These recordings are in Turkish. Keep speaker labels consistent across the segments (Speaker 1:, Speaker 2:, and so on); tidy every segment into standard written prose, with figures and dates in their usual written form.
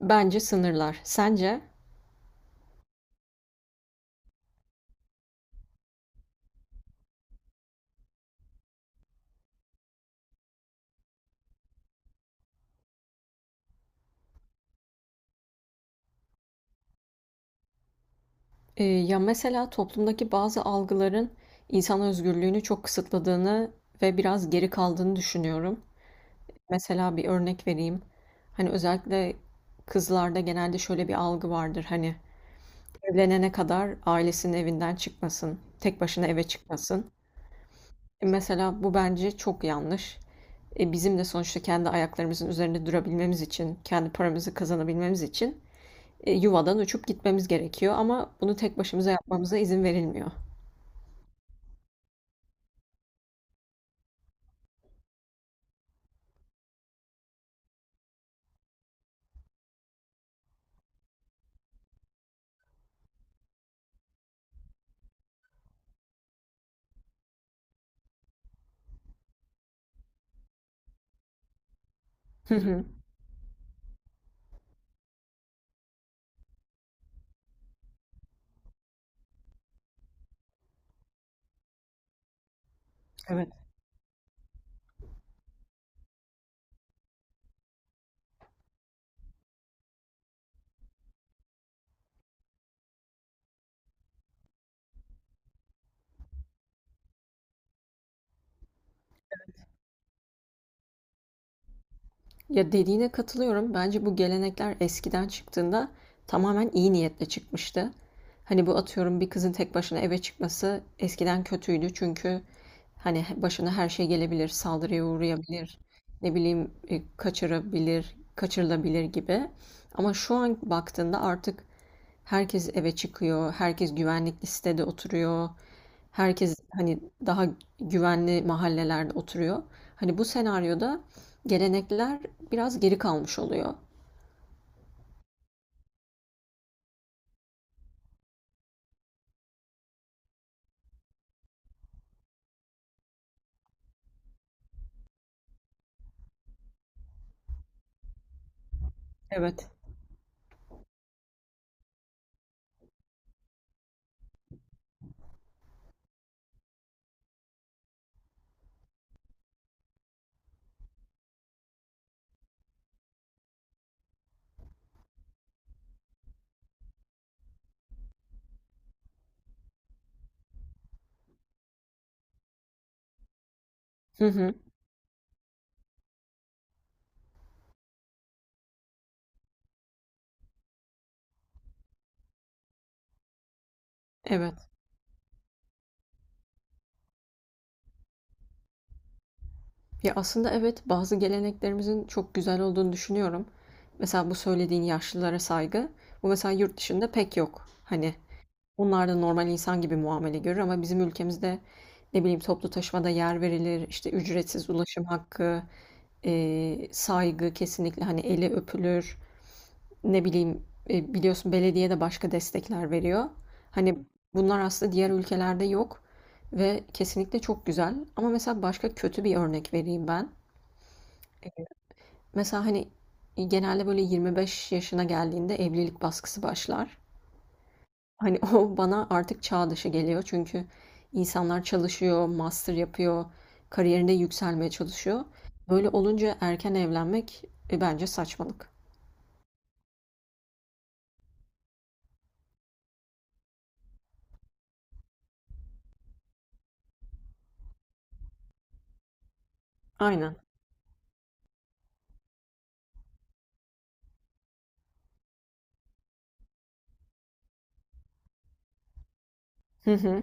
Speaker 1: Bence sınırlar. Sence? Ya mesela toplumdaki bazı algıların insan özgürlüğünü çok kısıtladığını ve biraz geri kaldığını düşünüyorum. Mesela bir örnek vereyim. Hani özellikle kızlarda genelde şöyle bir algı vardır. Hani evlenene kadar ailesinin evinden çıkmasın, tek başına eve çıkmasın. Mesela bu bence çok yanlış. Bizim de sonuçta kendi ayaklarımızın üzerinde durabilmemiz için, kendi paramızı kazanabilmemiz için yuvadan uçup gitmemiz gerekiyor ama bunu tek başımıza yapmamıza izin verilmiyor. Hı hı. Evet. Ya dediğine katılıyorum. Bence bu gelenekler eskiden çıktığında tamamen iyi niyetle çıkmıştı. Hani bu atıyorum bir kızın tek başına eve çıkması eskiden kötüydü çünkü hani başına her şey gelebilir, saldırıya uğrayabilir, ne bileyim kaçırabilir, kaçırılabilir gibi. Ama şu an baktığında artık herkes eve çıkıyor, herkes güvenlikli sitede oturuyor, herkes hani daha güvenli mahallelerde oturuyor. Hani bu senaryoda gelenekler biraz geri kalmış oluyor. Evet. Hı hı. Evet. Ya aslında evet bazı geleneklerimizin çok güzel olduğunu düşünüyorum. Mesela bu söylediğin yaşlılara saygı. Bu mesela yurt dışında pek yok. Hani onlar da normal insan gibi muamele görür ama bizim ülkemizde, ne bileyim, toplu taşımada yer verilir, işte ücretsiz ulaşım hakkı, saygı kesinlikle, hani, eli öpülür. Ne bileyim, biliyorsun belediye de başka destekler veriyor. Hani, bunlar aslında diğer ülkelerde yok ve kesinlikle çok güzel ama mesela başka kötü bir örnek vereyim ben. Mesela, hani, genelde böyle 25 yaşına geldiğinde evlilik baskısı başlar. Hani o bana artık çağ dışı geliyor. Çünkü insanlar çalışıyor, master yapıyor, kariyerinde yükselmeye çalışıyor. Böyle olunca erken evlenmek bence saçmalık. Aynen. Hı hı.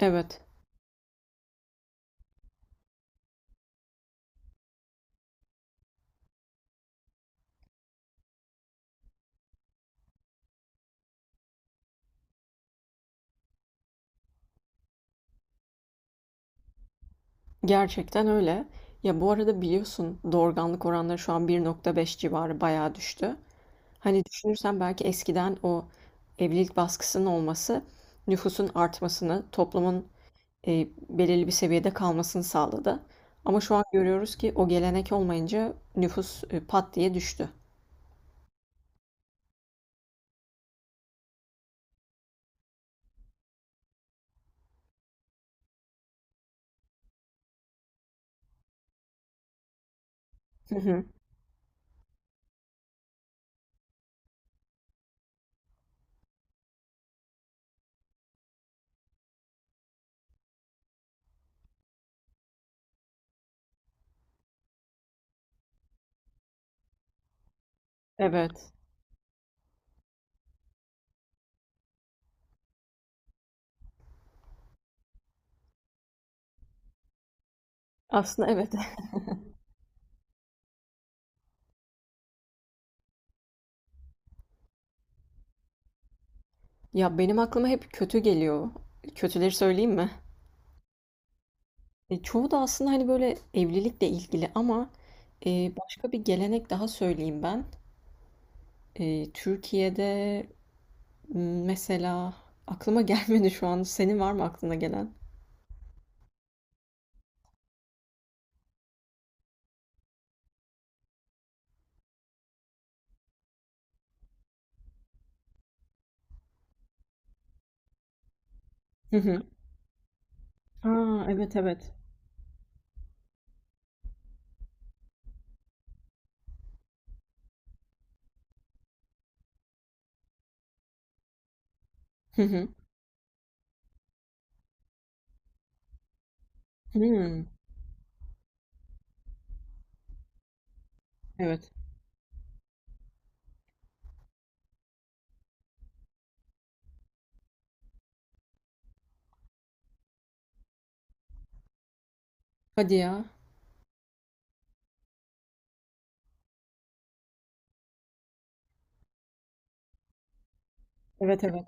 Speaker 1: Evet. Gerçekten öyle. Ya bu arada biliyorsun doğurganlık oranları şu an 1,5 civarı bayağı düştü. Hani düşünürsen belki eskiden o evlilik baskısının olması nüfusun artmasını, toplumun belirli bir seviyede kalmasını sağladı. Ama şu an görüyoruz ki o gelenek olmayınca nüfus, pat diye düştü. Hı hı. Evet. Aslında evet. Ya, benim aklıma hep kötü geliyor. Kötüleri söyleyeyim mi? Çoğu da aslında, hani, böyle, evlilikle ilgili ama, başka bir gelenek daha söyleyeyim ben. Türkiye'de, mesela aklıma gelmedi şu an. Senin var mı aklına gelen? Hı hı. A! Evet, evet. Hı hı. Hımm. Evet. Hadi ya. Evet, evet.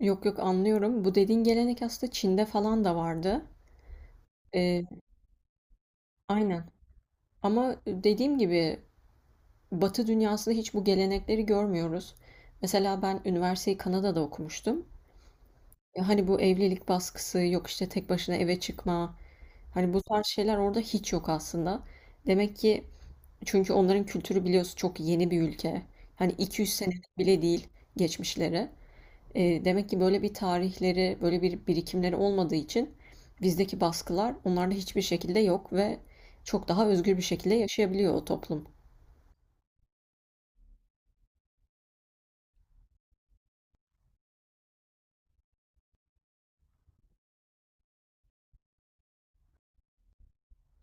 Speaker 1: Yok yok anlıyorum. Bu dediğin gelenek aslında Çin'de falan da vardı. Ee, aynen. Ama dediğim gibi Batı dünyasında hiç bu gelenekleri görmüyoruz. Mesela ben üniversiteyi Kanada'da okumuştum. Hani bu evlilik baskısı, yok işte tek başına eve çıkma. Hani bu tarz şeyler orada hiç yok aslında. Demek ki çünkü onların kültürü biliyorsun çok yeni bir ülke. Hani 200 sene bile değil geçmişleri. Demek ki böyle bir tarihleri, böyle bir birikimleri olmadığı için bizdeki baskılar onlarda hiçbir şekilde yok ve çok daha özgür bir şekilde yaşayabiliyor o toplum.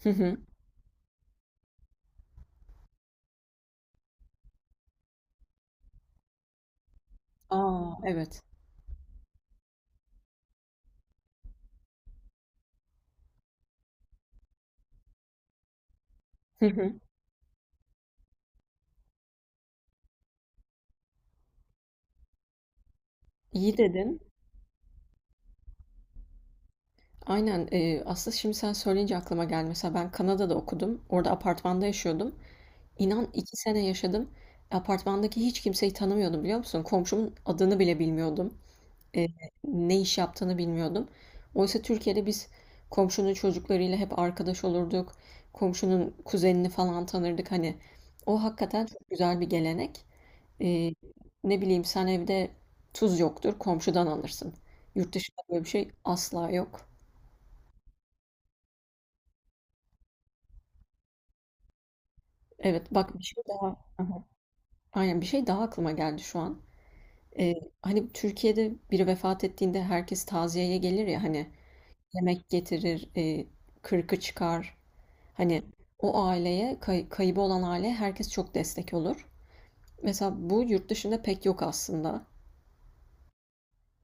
Speaker 1: Hı hı. A, evet. Hı hı. İyi dedin. Aynen, aslında şimdi sen söyleyince aklıma geldi. Mesela ben Kanada'da okudum. Orada apartmanda yaşıyordum. İnan 2 sene yaşadım. Apartmandaki hiç kimseyi tanımıyordum biliyor musun? Komşumun adını bile bilmiyordum. e, ne iş yaptığını bilmiyordum. Oysa Türkiye'de biz komşunun çocuklarıyla hep arkadaş olurduk. Komşunun kuzenini falan tanırdık. Hani o hakikaten çok güzel bir gelenek. E, ne bileyim sen evde tuz yoktur, komşudan alırsın. Yurt dışında böyle bir şey asla yok. Evet bak bir şey daha. Aha. Aynen bir şey daha aklıma geldi şu an. E, Hani Türkiye'de biri vefat ettiğinde herkes taziyeye gelir ya hani yemek getirir, kırkı çıkar. Hani o aileye, kaybı olan aileye herkes çok destek olur. Mesela bu yurt dışında pek yok aslında.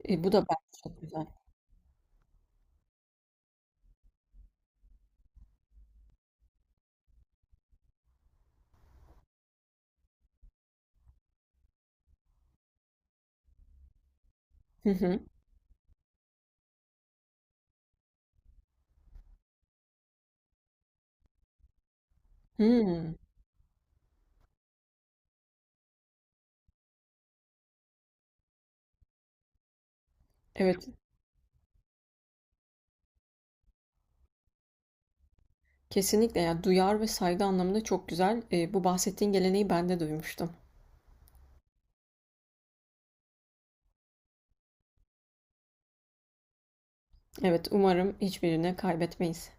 Speaker 1: Bu da bence çok güzel. Hı hı. Hmm. Evet, kesinlikle ya duyar ve saygı anlamında çok güzel. Bu bahsettiğin geleneği ben de duymuştum. Evet, umarım hiçbirini kaybetmeyiz.